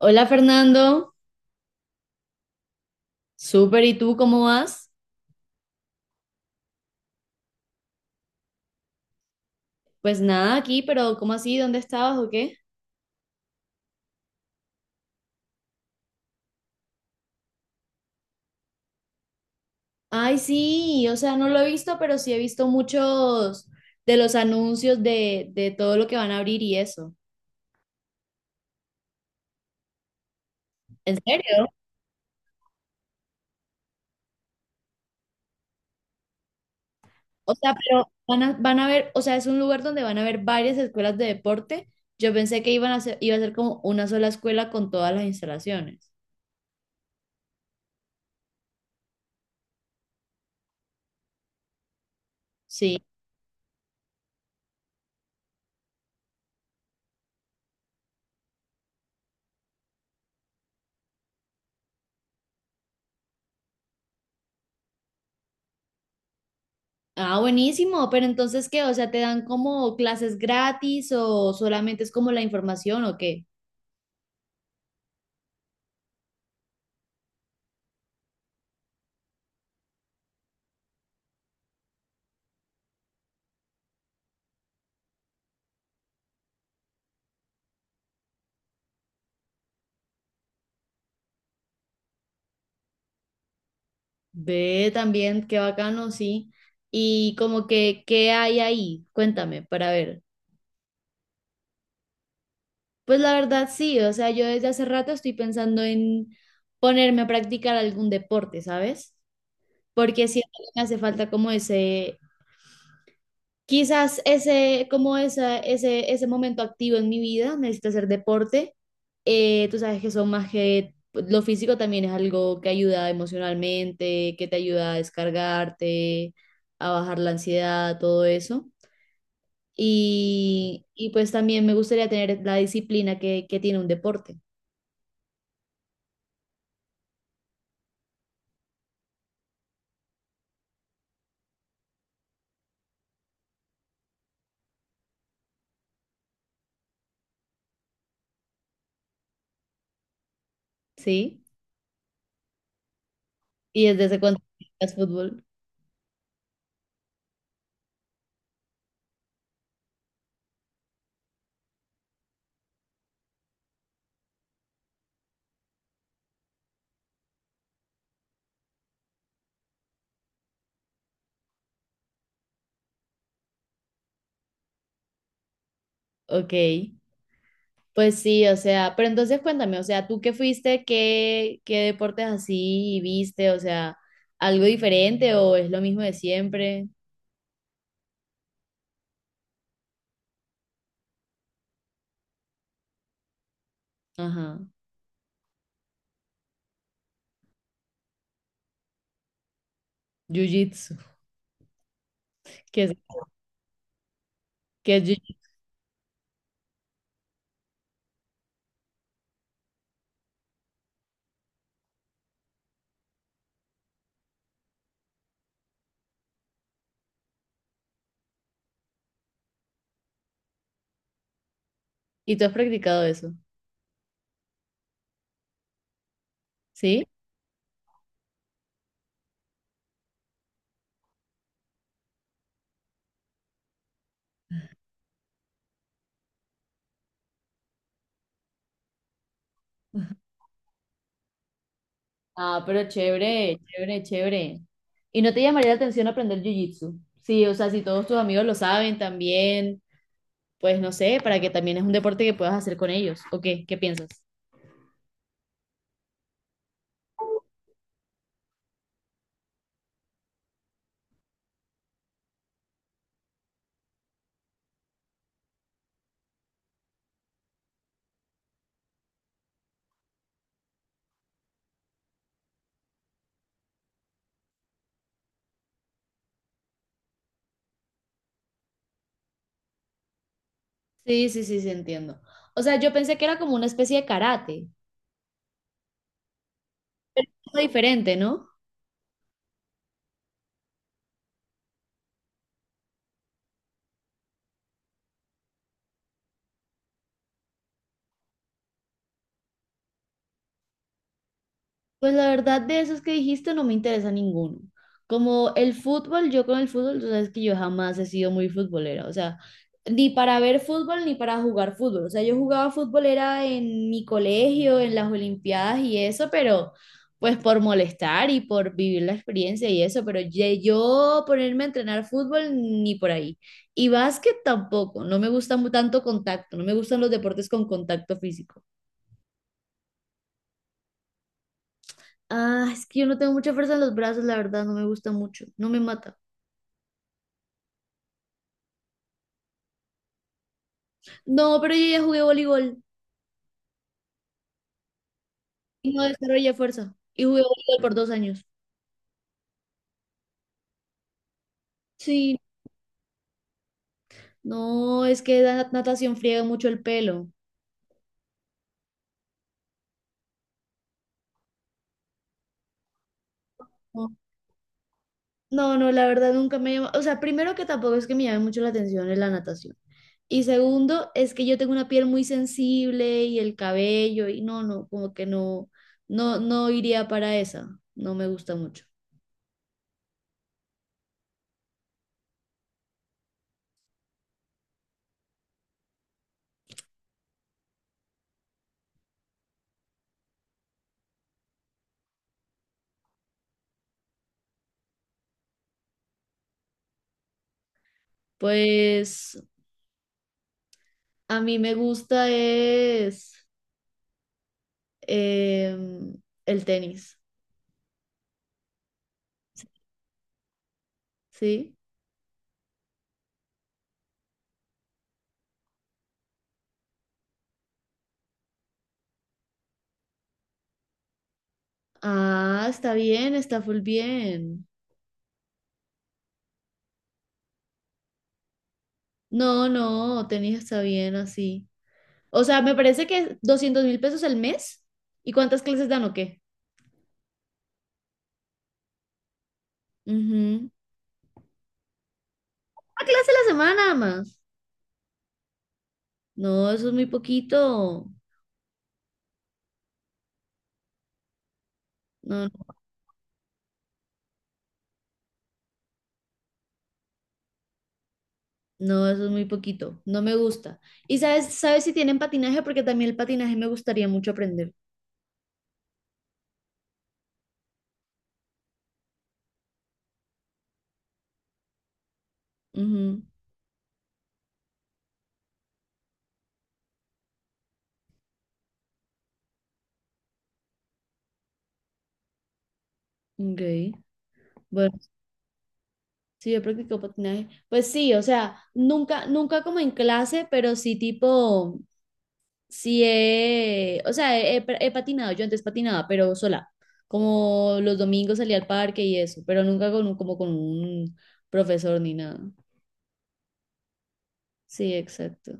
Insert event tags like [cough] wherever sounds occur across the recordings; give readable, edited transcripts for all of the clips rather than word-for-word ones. Hola Fernando, súper, ¿y tú cómo vas? Pues nada, aquí, pero ¿cómo así? ¿Dónde estabas o qué? Ay, sí, o sea, no lo he visto, pero sí he visto muchos de los anuncios de todo lo que van a abrir y eso. ¿En serio? O sea, pero van a ver, o sea, es un lugar donde van a haber varias escuelas de deporte. Yo pensé que iba a ser como una sola escuela con todas las instalaciones. Sí. Ah, buenísimo, pero entonces, ¿qué? O sea, ¿te dan como clases gratis o solamente es como la información o qué? Ve también, qué bacano, sí. Y como que, ¿qué hay ahí? Cuéntame, para ver. Pues la verdad sí, o sea, yo desde hace rato estoy pensando en ponerme a practicar algún deporte, ¿sabes? Porque siento que me hace falta como ese, quizás ese, ese momento activo en mi vida, necesito hacer deporte. Tú sabes que son más que lo físico, también es algo que ayuda emocionalmente, que te ayuda a descargarte, a bajar la ansiedad, todo eso. Y pues también me gustaría tener la disciplina que tiene un deporte, ¿sí? Y desde ese cuando practicas fútbol, ok. Pues sí, o sea, pero entonces cuéntame, o sea, ¿tú qué fuiste, qué deportes así viste? O sea, ¿algo diferente o es lo mismo de siempre? Ajá, jiu-jitsu, [laughs] ¿qué es, ¿qué es jiu-jitsu? ¿Y tú has practicado eso? ¿Sí? Ah, pero chévere, chévere, chévere. ¿Y no te llamaría la atención aprender jiu-jitsu? Sí, o sea, si todos tus amigos lo saben también, pues no sé, para que también es un deporte que puedas hacer con ellos, ¿o qué? ¿Qué piensas? Sí, sí, sí, sí, entiendo. O sea, yo pensé que era como una especie de karate. Diferente, ¿no? Pues la verdad de esos que dijiste no me interesa ninguno. Como el fútbol, yo con el fútbol, tú sabes que yo jamás he sido muy futbolera, o sea, ni para ver fútbol ni para jugar fútbol. O sea, yo jugaba fútbol era en mi colegio, en las Olimpiadas y eso, pero pues por molestar y por vivir la experiencia y eso, pero yo ponerme a entrenar fútbol ni por ahí. Y básquet tampoco, no me gusta tanto contacto, no me gustan los deportes con contacto físico. Ah, es que yo no tengo mucha fuerza en los brazos, la verdad, no me gusta mucho, no me mata. No, pero yo ya jugué voleibol y no desarrollé fuerza. Y jugué voleibol por 2 años. Sí, no, es que la natación friega mucho el pelo. No, no, la verdad nunca me llama. O sea, primero que tampoco es que me llame mucho la atención es la natación. Y segundo, es que yo tengo una piel muy sensible y el cabello, y no, no, como que no, no iría para esa. No me gusta mucho. Pues a mí me gusta es. em, el tenis, ¿sí? Ah, está bien, está full bien. No, no, tenis está bien así. O sea, me parece que $200.000 al mes. ¿Y cuántas clases dan o qué? Ujú. Una clase a la semana nada más. No, eso es muy poquito. No, no, no, eso es muy poquito. No me gusta. Sabes si tienen patinaje? Porque también el patinaje me gustaría mucho aprender. Ujú. Ok. Bueno. Sí, yo practico patinaje. Pues sí, o sea, nunca, nunca como en clase, pero sí tipo, sí he, o sea, he, he- he patinado, yo antes patinaba, pero sola, como los domingos salía al parque y eso, pero nunca como con un profesor ni nada. Sí, exacto.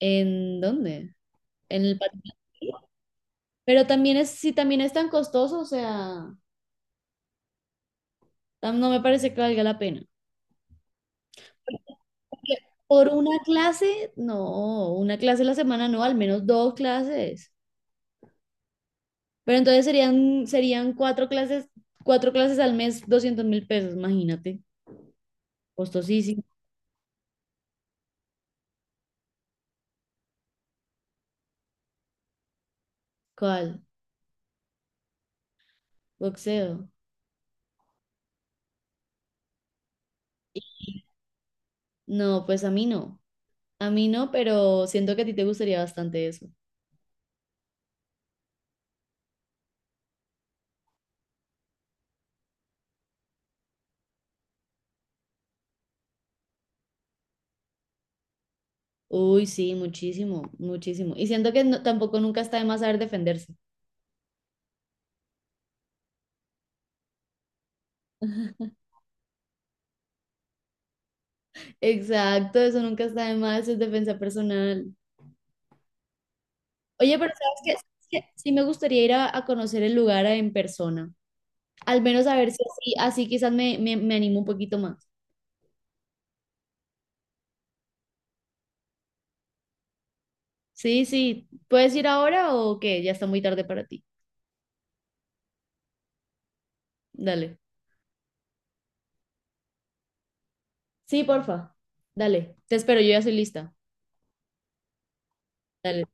¿En dónde? En el patinaje. Pero también es, si también es tan costoso, o sea, no me parece que valga la pena. Porque por una clase, no, una clase a la semana no, al menos 2 clases. Pero entonces serían 4 clases, 4 clases al mes, $200.000, imagínate. Costosísimo. ¿Cuál? Boxeo. No, pues a mí no. A mí no, pero siento que a ti te gustaría bastante eso. Uy, sí, muchísimo, muchísimo. Y siento que tampoco nunca está de más saber defenderse. [laughs] Exacto, eso nunca está de más, eso es defensa personal. Oye, pero ¿sabes qué? ¿Sabes qué? Sí me gustaría ir a conocer el lugar en persona. Al menos a ver si así, quizás me animo un poquito más. Sí, sí. ¿Puedes ir ahora o qué? Ya está muy tarde para ti. Dale. Sí, porfa. Dale. Te espero, yo ya soy lista. Dale.